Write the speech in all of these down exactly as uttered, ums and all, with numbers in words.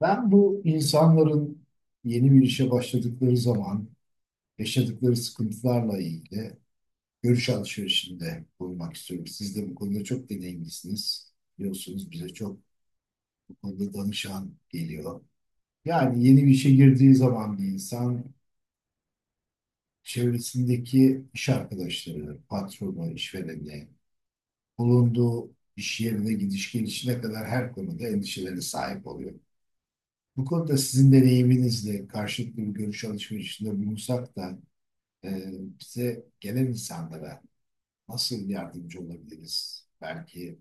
Ben bu insanların yeni bir işe başladıkları zaman yaşadıkları sıkıntılarla ilgili görüş alışverişinde bulunmak istiyorum. Siz de bu konuda çok deneyimlisiniz. Biliyorsunuz bize çok bu konuda danışan geliyor. Yani yeni bir işe girdiği zaman bir insan çevresindeki iş arkadaşları, patronu, işvereni, bulunduğu iş yerine gidiş gelişine kadar her konuda endişelere sahip oluyor. Bu konuda sizin deneyiminizle karşılıklı bir görüş alışverişinde bulunsak da e, bize gelen insanlara nasıl yardımcı olabiliriz? Belki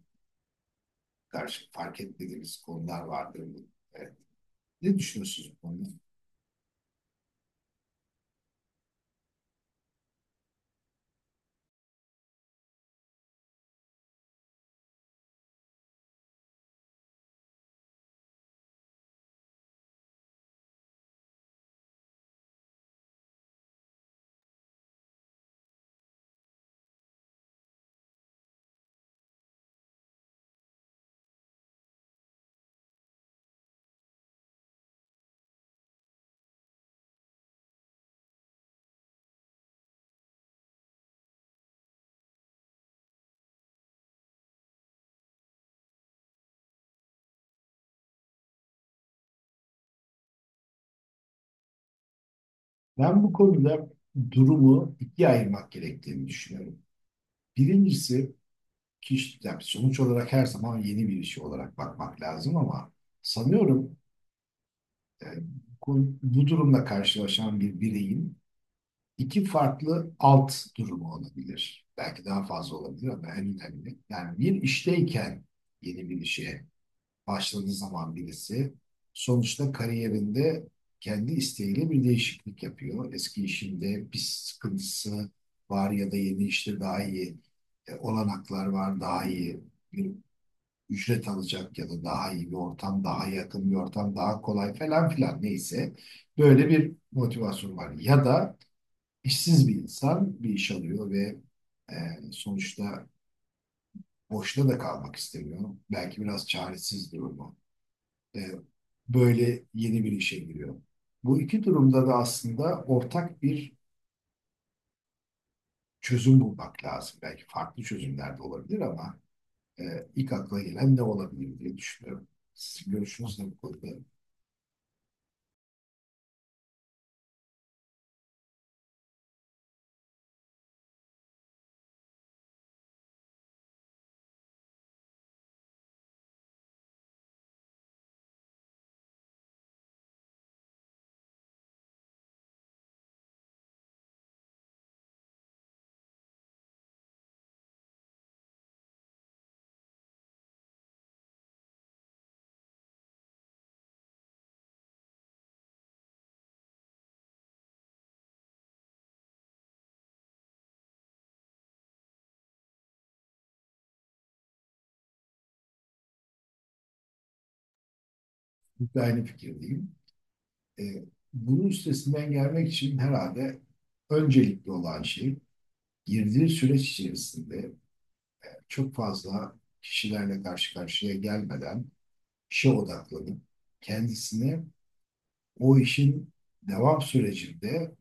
karşı fark etmediğimiz konular vardır. E, Ne düşünüyorsunuz bu konuda? Ben bu konuda durumu ikiye ayırmak gerektiğini düşünüyorum. Birincisi kişi, yani sonuç olarak her zaman yeni bir iş olarak bakmak lazım ama sanıyorum e, bu, bu durumla karşılaşan bir bireyin iki farklı alt durumu olabilir. Belki daha fazla olabilir ama en önemli. Yani bir işteyken yeni bir işe başladığı zaman birisi sonuçta kariyerinde kendi isteğiyle bir değişiklik yapıyor. Eski işinde bir sıkıntısı var ya da yeni işte daha iyi e, olanaklar var, daha iyi bir ücret alacak ya da daha iyi bir ortam, daha yakın bir ortam, daha kolay falan filan neyse böyle bir motivasyon var. Ya da İşsiz bir insan bir iş alıyor ve e, sonuçta boşta da kalmak istemiyor. Belki biraz çaresiz durumu. E, Böyle yeni bir işe giriyor. Bu iki durumda da aslında ortak bir çözüm bulmak lazım. Belki farklı çözümler de olabilir ama e, ilk akla gelen ne olabilir diye düşünüyorum. Sizin görüşünüzle bu konuda bir aynı fikirdeyim. E, Bunun üstesinden gelmek için herhalde öncelikli olan şey girdiği süreç içerisinde çok fazla kişilerle karşı karşıya gelmeden işe odaklanıp kendisini o işin devam sürecinde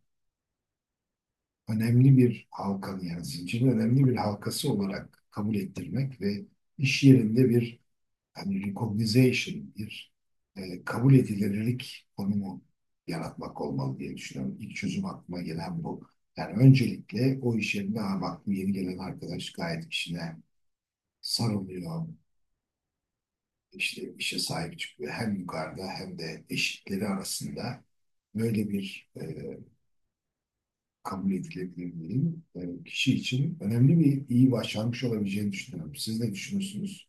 önemli bir halkanı yani zincirin önemli bir halkası olarak kabul ettirmek ve iş yerinde bir hani recognition, bir e, kabul edilirlik konumu yaratmak olmalı diye düşünüyorum. İlk çözüm aklıma gelen bu. Yani öncelikle o iş yerinde "Aa bak bu yeni gelen arkadaş gayet işine sarılıyor, işte işe sahip çıkıyor. Hem yukarıda hem de eşitleri arasında böyle bir e, kabul edilebilirliğin e, kişi için önemli bir iyi başarmış olabileceğini düşünüyorum. Siz ne düşünüyorsunuz?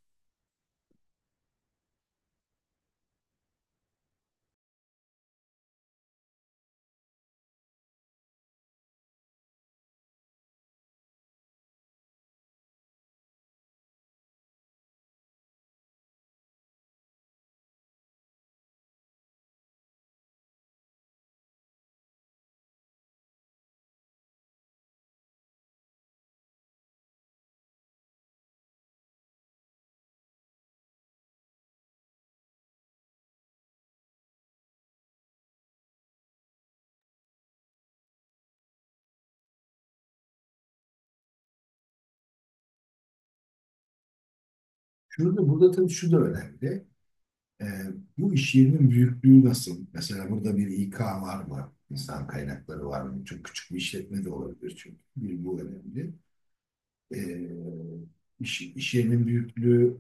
Şurada burada tabii şu da önemli. E, Bu iş yerinin büyüklüğü nasıl? Mesela burada bir İK var mı? İnsan kaynakları var mı? Çok küçük bir işletme de olabilir çünkü. Bir bu önemli. E, iş, iş yerinin büyüklüğü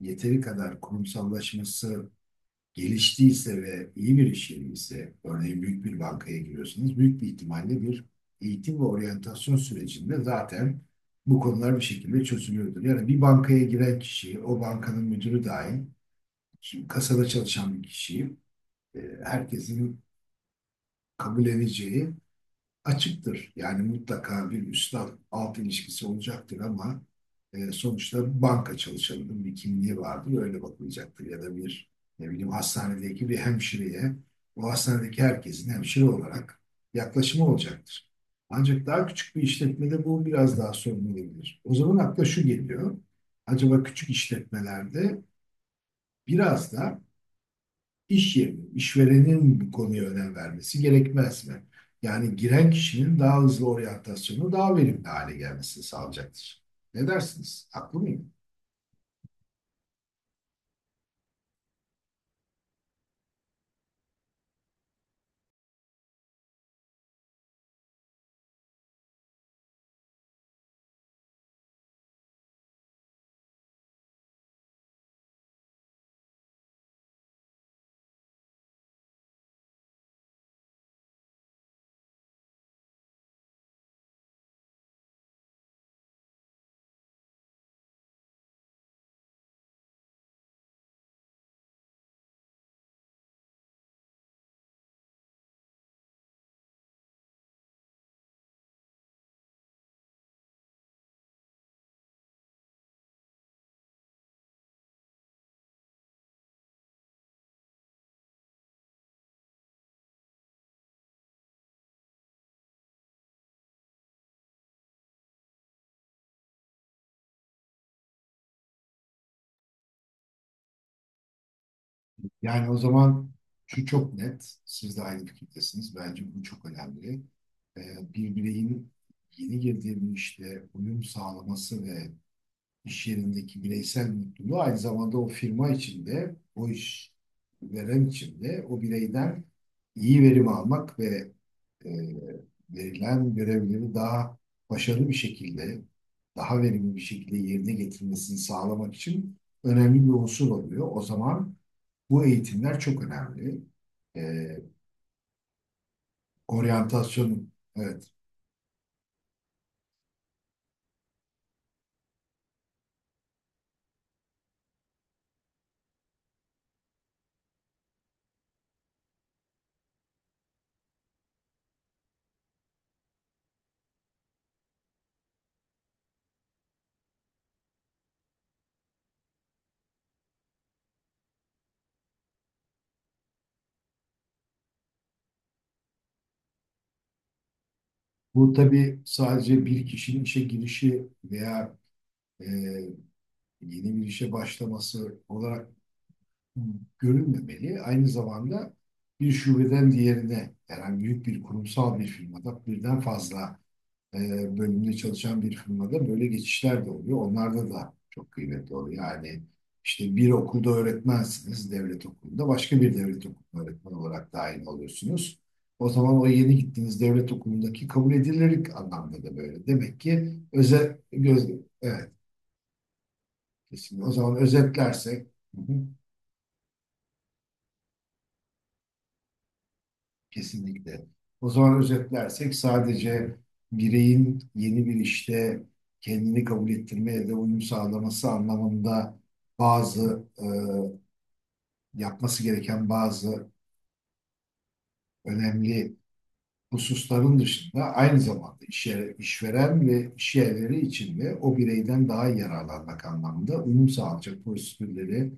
yeteri kadar kurumsallaşması geliştiyse ve iyi bir iş yeri ise, örneğin büyük bir bankaya giriyorsanız, büyük bir ihtimalle bir eğitim ve oryantasyon sürecinde zaten bu konular bir şekilde çözülüyordur. Yani bir bankaya giren kişi, o bankanın müdürü dahil, şimdi kasada çalışan bir kişi, e, herkesin kabul edeceği açıktır. Yani mutlaka bir üstad-alt ilişkisi olacaktır ama e, sonuçta banka çalışanının bir kimliği vardır, öyle bakılacaktır. Ya da bir ne bileyim hastanedeki bir hemşireye, o hastanedeki herkesin hemşire olarak yaklaşımı olacaktır. Ancak daha küçük bir işletmede bu biraz daha sorun olabilir. O zaman akla şu geliyor. Acaba küçük işletmelerde biraz da İş yeri, işverenin bu konuya önem vermesi gerekmez mi? Yani giren kişinin daha hızlı oryantasyonu daha verimli hale gelmesini sağlayacaktır. Ne dersiniz? Haklı mıyım? Yani o zaman şu çok net, siz de aynı fikirdesiniz. Bence bu çok önemli. Ee, bir bireyin yeni girdiği bir işte uyum sağlaması ve iş yerindeki bireysel mutluluğu aynı zamanda o firma içinde, o iş veren içinde o bireyden iyi verim almak ve e, verilen görevleri daha başarılı bir şekilde, daha verimli bir şekilde yerine getirmesini sağlamak için önemli bir unsur oluyor. O zaman bu eğitimler çok önemli. E, Oryantasyon, evet. Bu tabii sadece bir kişinin işe girişi veya e, yeni bir işe başlaması olarak görülmemeli. Aynı zamanda bir şubeden diğerine, yani büyük bir kurumsal bir firmada birden fazla e, bölümünde çalışan bir firmada böyle geçişler de oluyor. Onlarda da çok kıymetli oluyor. Yani işte bir okulda öğretmensiniz, devlet okulunda başka bir devlet okulunda öğretmen olarak dahil oluyorsunuz. O zaman o yeni gittiğiniz devlet okulundaki kabul edilirlik anlamda da böyle. Demek ki özet, göz evet, kesinlikle. O zaman özetlersek hı hı. Kesinlikle. O zaman özetlersek sadece bireyin yeni bir işte kendini kabul ettirmeye de uyum sağlaması anlamında bazı e, yapması gereken bazı önemli hususların dışında aynı zamanda iş yeri- işveren ve iş yerleri içinde o bireyden daha yararlanmak anlamında uyum sağlayacak prosedürleri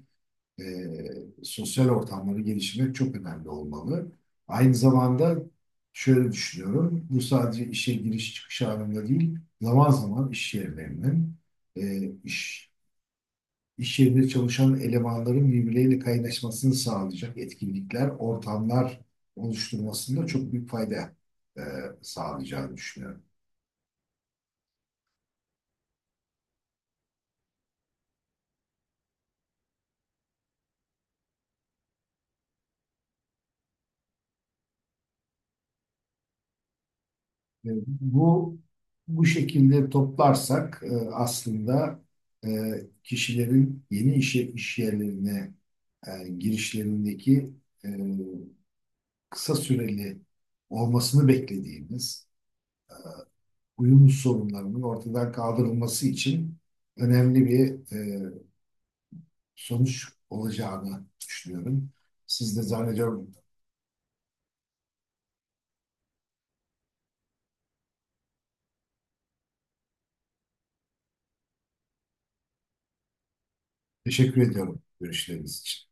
e, sosyal ortamları gelişmek çok önemli olmalı. Aynı zamanda şöyle düşünüyorum, bu sadece işe giriş çıkış anında değil, zaman zaman iş yerlerinin, e, iş, iş yerinde çalışan elemanların birbirleriyle kaynaşmasını sağlayacak etkinlikler, ortamlar oluşturmasında çok büyük fayda e, sağlayacağını düşünüyorum. E, Bu bu şekilde toplarsak e, aslında e, kişilerin yeni iş, iş yerlerine e, girişlerindeki e, kısa süreli olmasını beklediğimiz uyum sorunlarının ortadan kaldırılması için önemli bir e, sonuç olacağını düşünüyorum. Siz de zannediyorum. Teşekkür ediyorum görüşleriniz için.